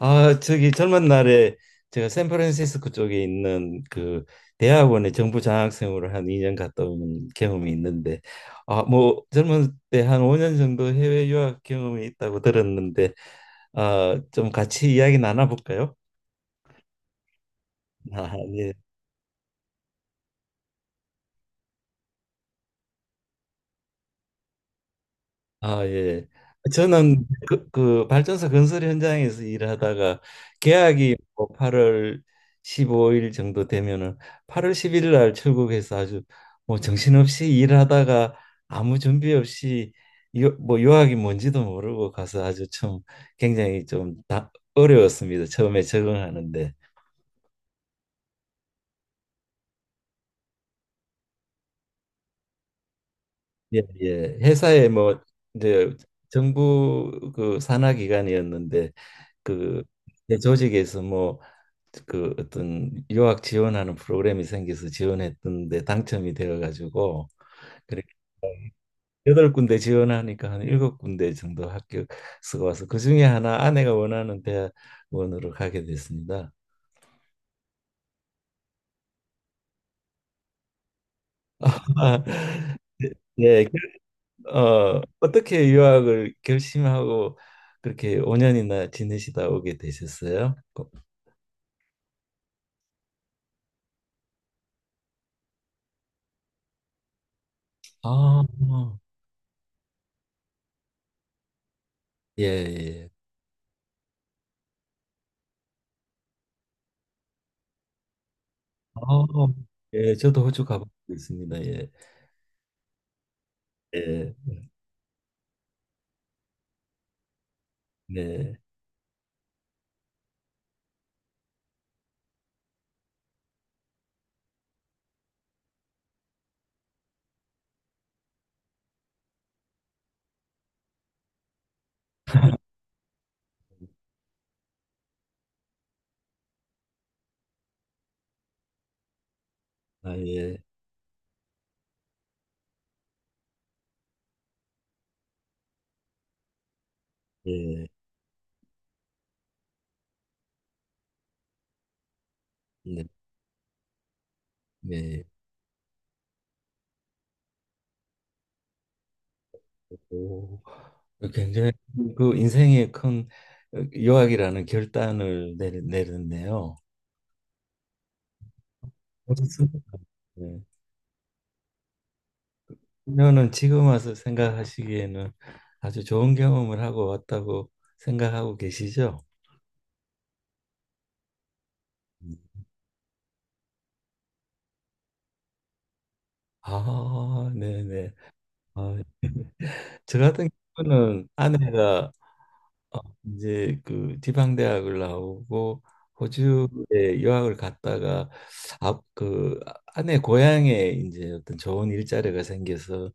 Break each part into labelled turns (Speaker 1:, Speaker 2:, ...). Speaker 1: 아, 저기 젊은 날에 제가 샌프란시스코 쪽에 있는 그 대학원에 정부 장학생으로 한 2년 갔다 온 경험이 있는데, 아, 뭐 젊은 때 한 5년 정도 해외 유학 경험이 있다고 들었는데, 아, 좀 같이 이야기 나눠볼까요? 아, 예. 아, 예. 저는 그 발전소 건설 현장에서 일하다가 계약이 뭐 8월 15일 정도 되면은 8월 11일날 출국해서 아주 뭐 정신없이 일하다가 아무 준비 없이 뭐 유학이 뭔지도 모르고 가서 아주 참 굉장히 좀 어려웠습니다, 처음에 적응하는데. 예, 예. 회사에 뭐 이제 정부 그 산하 기관이었는데, 그 내 조직에서 뭐 그 어떤 유학 지원하는 프로그램이 생겨서 지원했던데 당첨이 되어 가지고, 그렇게 여덟 군데 지원하니까 한 일곱 군데 정도 합격 수가 와서 그 중에 하나 아내가 원하는 대학원으로 가게 됐습니다. 예, 어, 어떻게 유학을 결심하고 그렇게 5년이나 지내시다 오게 되셨어요? 어, 아, 예, 예. 아, 예, 저도 호주 가보고 있습니다. 예, 예, 네, 아, 예, 예, 네, 네. 오, 굉장히 그 인생의 큰 어, 유학이라는 결단을 내렸네요. 어, 그녀는 지금 와서 생각하시기에는 아주 좋은 경험을 하고 왔다고 생각하고 계시죠? 음. 아, 네네. 아, 저 같은 경우는 아내가 어, 이제 그 지방대학을 나오고 호주에 유학을 갔다가 아, 그 아내 고향에 이제 어떤 좋은 일자리가 생겨서,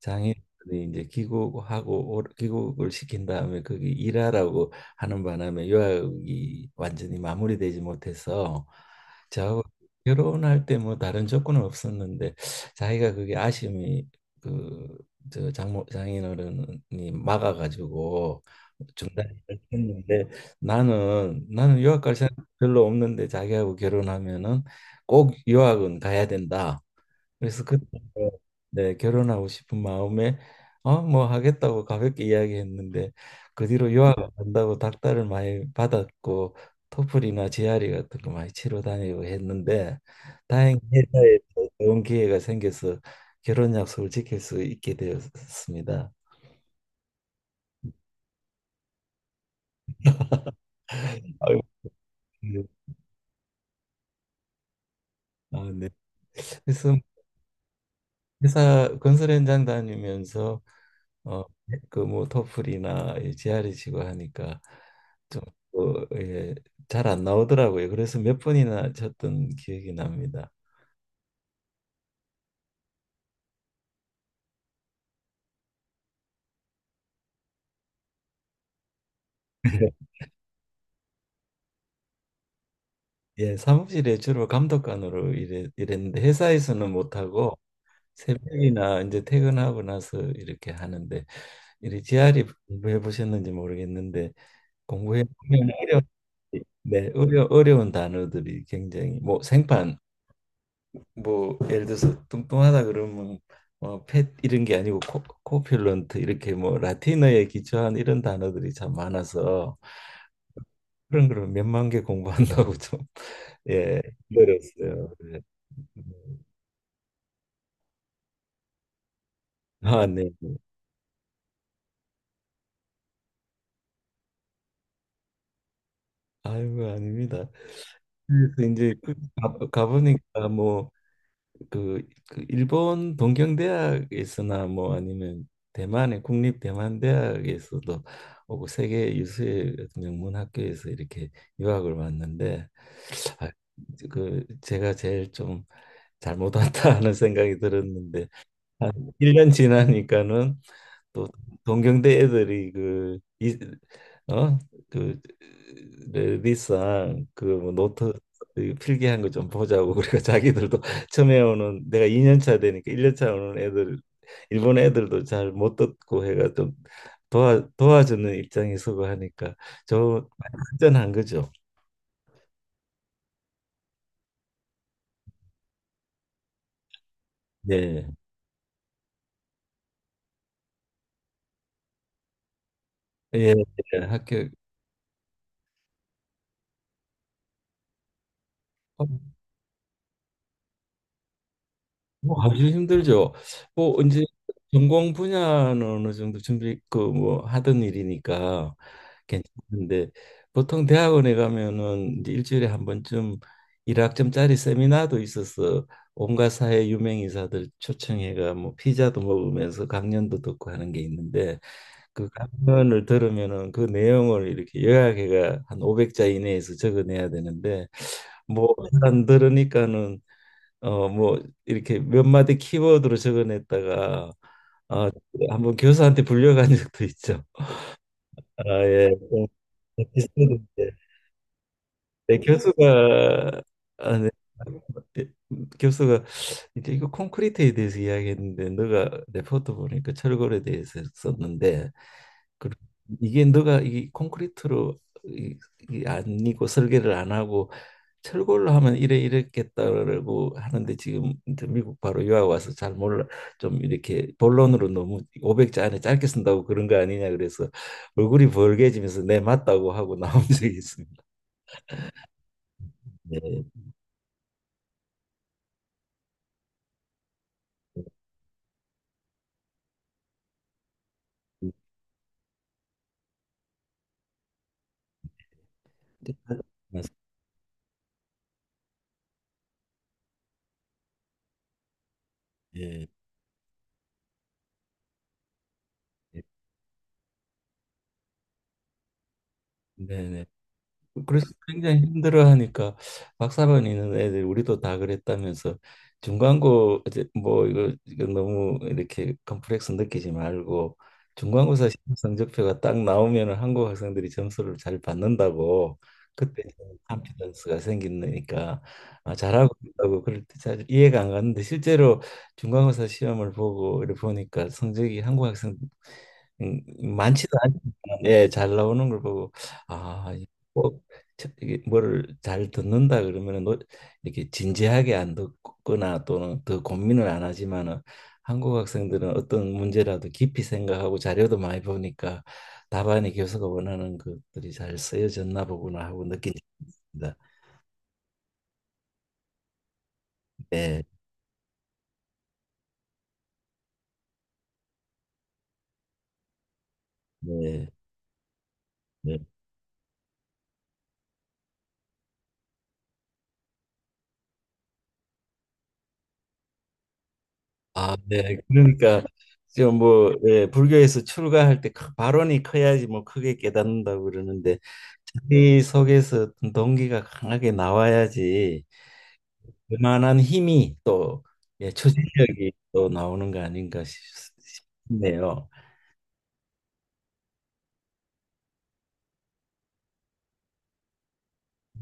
Speaker 1: 장애인들이 이제 귀국하고 귀국을 시킨 다음에 거기 일하라고 하는 바람에 유학이 완전히 마무리되지 못해서 저하고 결혼할 때 뭐 다른 조건은 없었는데 자기가 그게 아쉬움이, 그저 장모 장인어른이 막아가지고 중단을 했는데, 나는 유학 갈 생각 별로 없는데 자기하고 결혼하면은 꼭 유학은 가야 된다. 그래서 그때부터, 네, 결혼하고 싶은 마음에 어, 뭐 하겠다고 가볍게 이야기했는데 그 뒤로 유학 안 간다고 닥달을 많이 받았고 토플이나 GRE 같은 거 많이 치러 다니고 했는데 다행히 회사에서 좋은 기회가 생겨서 결혼 약속을 지킬 수 있게 되었습니다. 아, 아, 네. 그래서 회사 건설 현장 다니면서 어, 그뭐 토플이나 이 g r 이 치고 하니까 좀 어, 예, 잘 안 나오더라고요. 그래서 몇 번이나 쳤던 기억이 납니다. 예, 예, 사무실에 주로 감독관으로 일했는데 회사에서는 못하고 새벽이나 이제 퇴근하고 나서 이렇게 하는데, 이리 g r 이 공부해 보셨는지 모르겠는데 공부해 보면 어려 네, 어려운 단어들이 굉장히 뭐 생판, 뭐 예를 들어서 뚱뚱하다 그러면 뭐펫 이런 게 아니고 코필런트 이렇게 뭐 라틴어에 기초한 이런 단어들이 참 많아서, 그런 걸 몇만 개 공부한다고 좀 예, 힘들었어요. 예. 아, 네. 아이고 아닙니다. 그래서 이제 그 가보니까 뭐 그, 그 일본 동경대학에서나 뭐 아니면 대만의 국립 대만대학에서도 오고 세계 유수의 어떤 명문 학교에서 이렇게 유학을 왔는데, 아, 그 제가 제일 좀 잘못 왔다 하는 생각이 들었는데, 한 1년 지나니까는 또 동경대 애들이 그 이, 어? 그 레디상 그뭐 노트 이 필기한 거 좀 보자고 그러니까 자기들도 처음에 오는 내가 2년 차 되니까 1년 차 오는 애들 일본 애들도 잘 못 듣고 해가 좀 도와주는 입장이 서고 하니까 좀 안전한 거죠. 예. 예, 예. 학교 뭐 하기 힘들죠. 뭐 이제 전공 분야는 어느 정도 준비 그 뭐 하던 일이니까 괜찮은데, 보통 대학원에 가면은 이제 일주일에 한 번쯤 일학점짜리 세미나도 있어서 온갖 사회 유명 인사들 초청해가 뭐 피자도 먹으면서 강연도 듣고 하는 게 있는데, 그 강연을 들으면은 그 내용을 이렇게 요약해가 한 500자 이내에서 적어내야 되는데 뭐 일단 들으니까는 어 뭐 이렇게 몇 마디 키워드로 적어냈다가 아 한번 교사한테 불려간 적도 있죠. 아 예. 좀 비슷한데. 네, 교수가, 아, 네. 예, 교수가 이제 이거 콘크리트에 대해서 이야기했는데 너가 레포트 보니까 철골에 대해서 썼는데, 그 이게 너가 이 콘크리트로 이, 이 아니고 설계를 안 하고 철골로 하면 이래 이랬겠다라고 하는데 지금 이제 미국 바로 유학 와서 잘 몰라 좀 이렇게 본론으로 너무 500자 안에 짧게 쓴다고 그런 거 아니냐 그래서, 얼굴이 벌게지면서 네 맞다고 하고 나온 적이 있습니다. 네. 예, 예. 네네. 그래서 굉장히 힘들어하니까 박사반 있는 애들 우리도 다 그랬다면서 중간고 이제 뭐 이거 너무 이렇게 컴플렉스 느끼지 말고 중간고사 시험 성적표가 딱 나오면은 한국 학생들이 점수를 잘 받는다고, 그때 컨피던스가 생기니까 아, 잘하고 있다고 그럴 때 잘 이해가 안 갔는데 실제로 중간고사 시험을 보고 이렇게 보니까 성적이 한국 학생 음, 많지도 않지만 예, 잘 나오는 걸 보고 아, 꼭 이게 뭐를 잘 듣는다 그러면은 이렇게 진지하게 안 듣거나 또는 더 고민을 안 하지만은 한국 학생들은 어떤 문제라도 깊이 생각하고 자료도 많이 보니까 답안이 교수가 원하는 것들이 잘 쓰여졌나 보구나 하고 느낀 적이 있습니다. 네, 네, 네. 아, 네. 그러니까 지금 뭐 예, 불교에서 출가할 때 발언이 커야지 뭐 크게 깨닫는다고 그러는데, 자기 속에서 어떤 동기가 강하게 나와야지 그만한 힘이 또 예, 추진력이 또 나오는 거 아닌가 싶네요.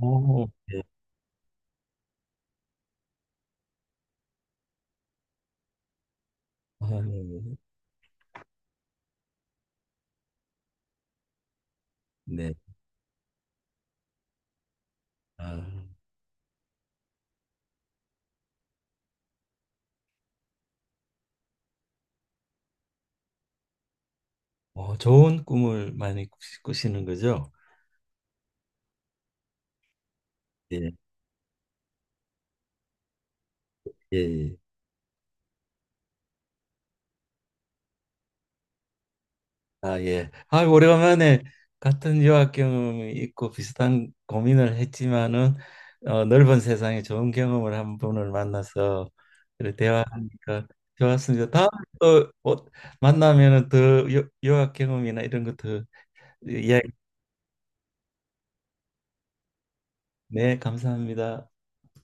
Speaker 1: 오, 네. 아, 네. 네. 아, 어, 좋은 꿈을 많이 꾸시는 거죠? 예, 예. 예. 아, 예. 아, 오래간만에 같은 유학 경험이 있고 비슷한 고민을 했지만은 어, 넓은 세상에 좋은 경험을 한 분을 만나서 그래, 대화하니까 좋았습니다. 다음에 또 뭐, 만나면은 더 유학 경험이나 이런 것도 이야기. 네, 감사합니다.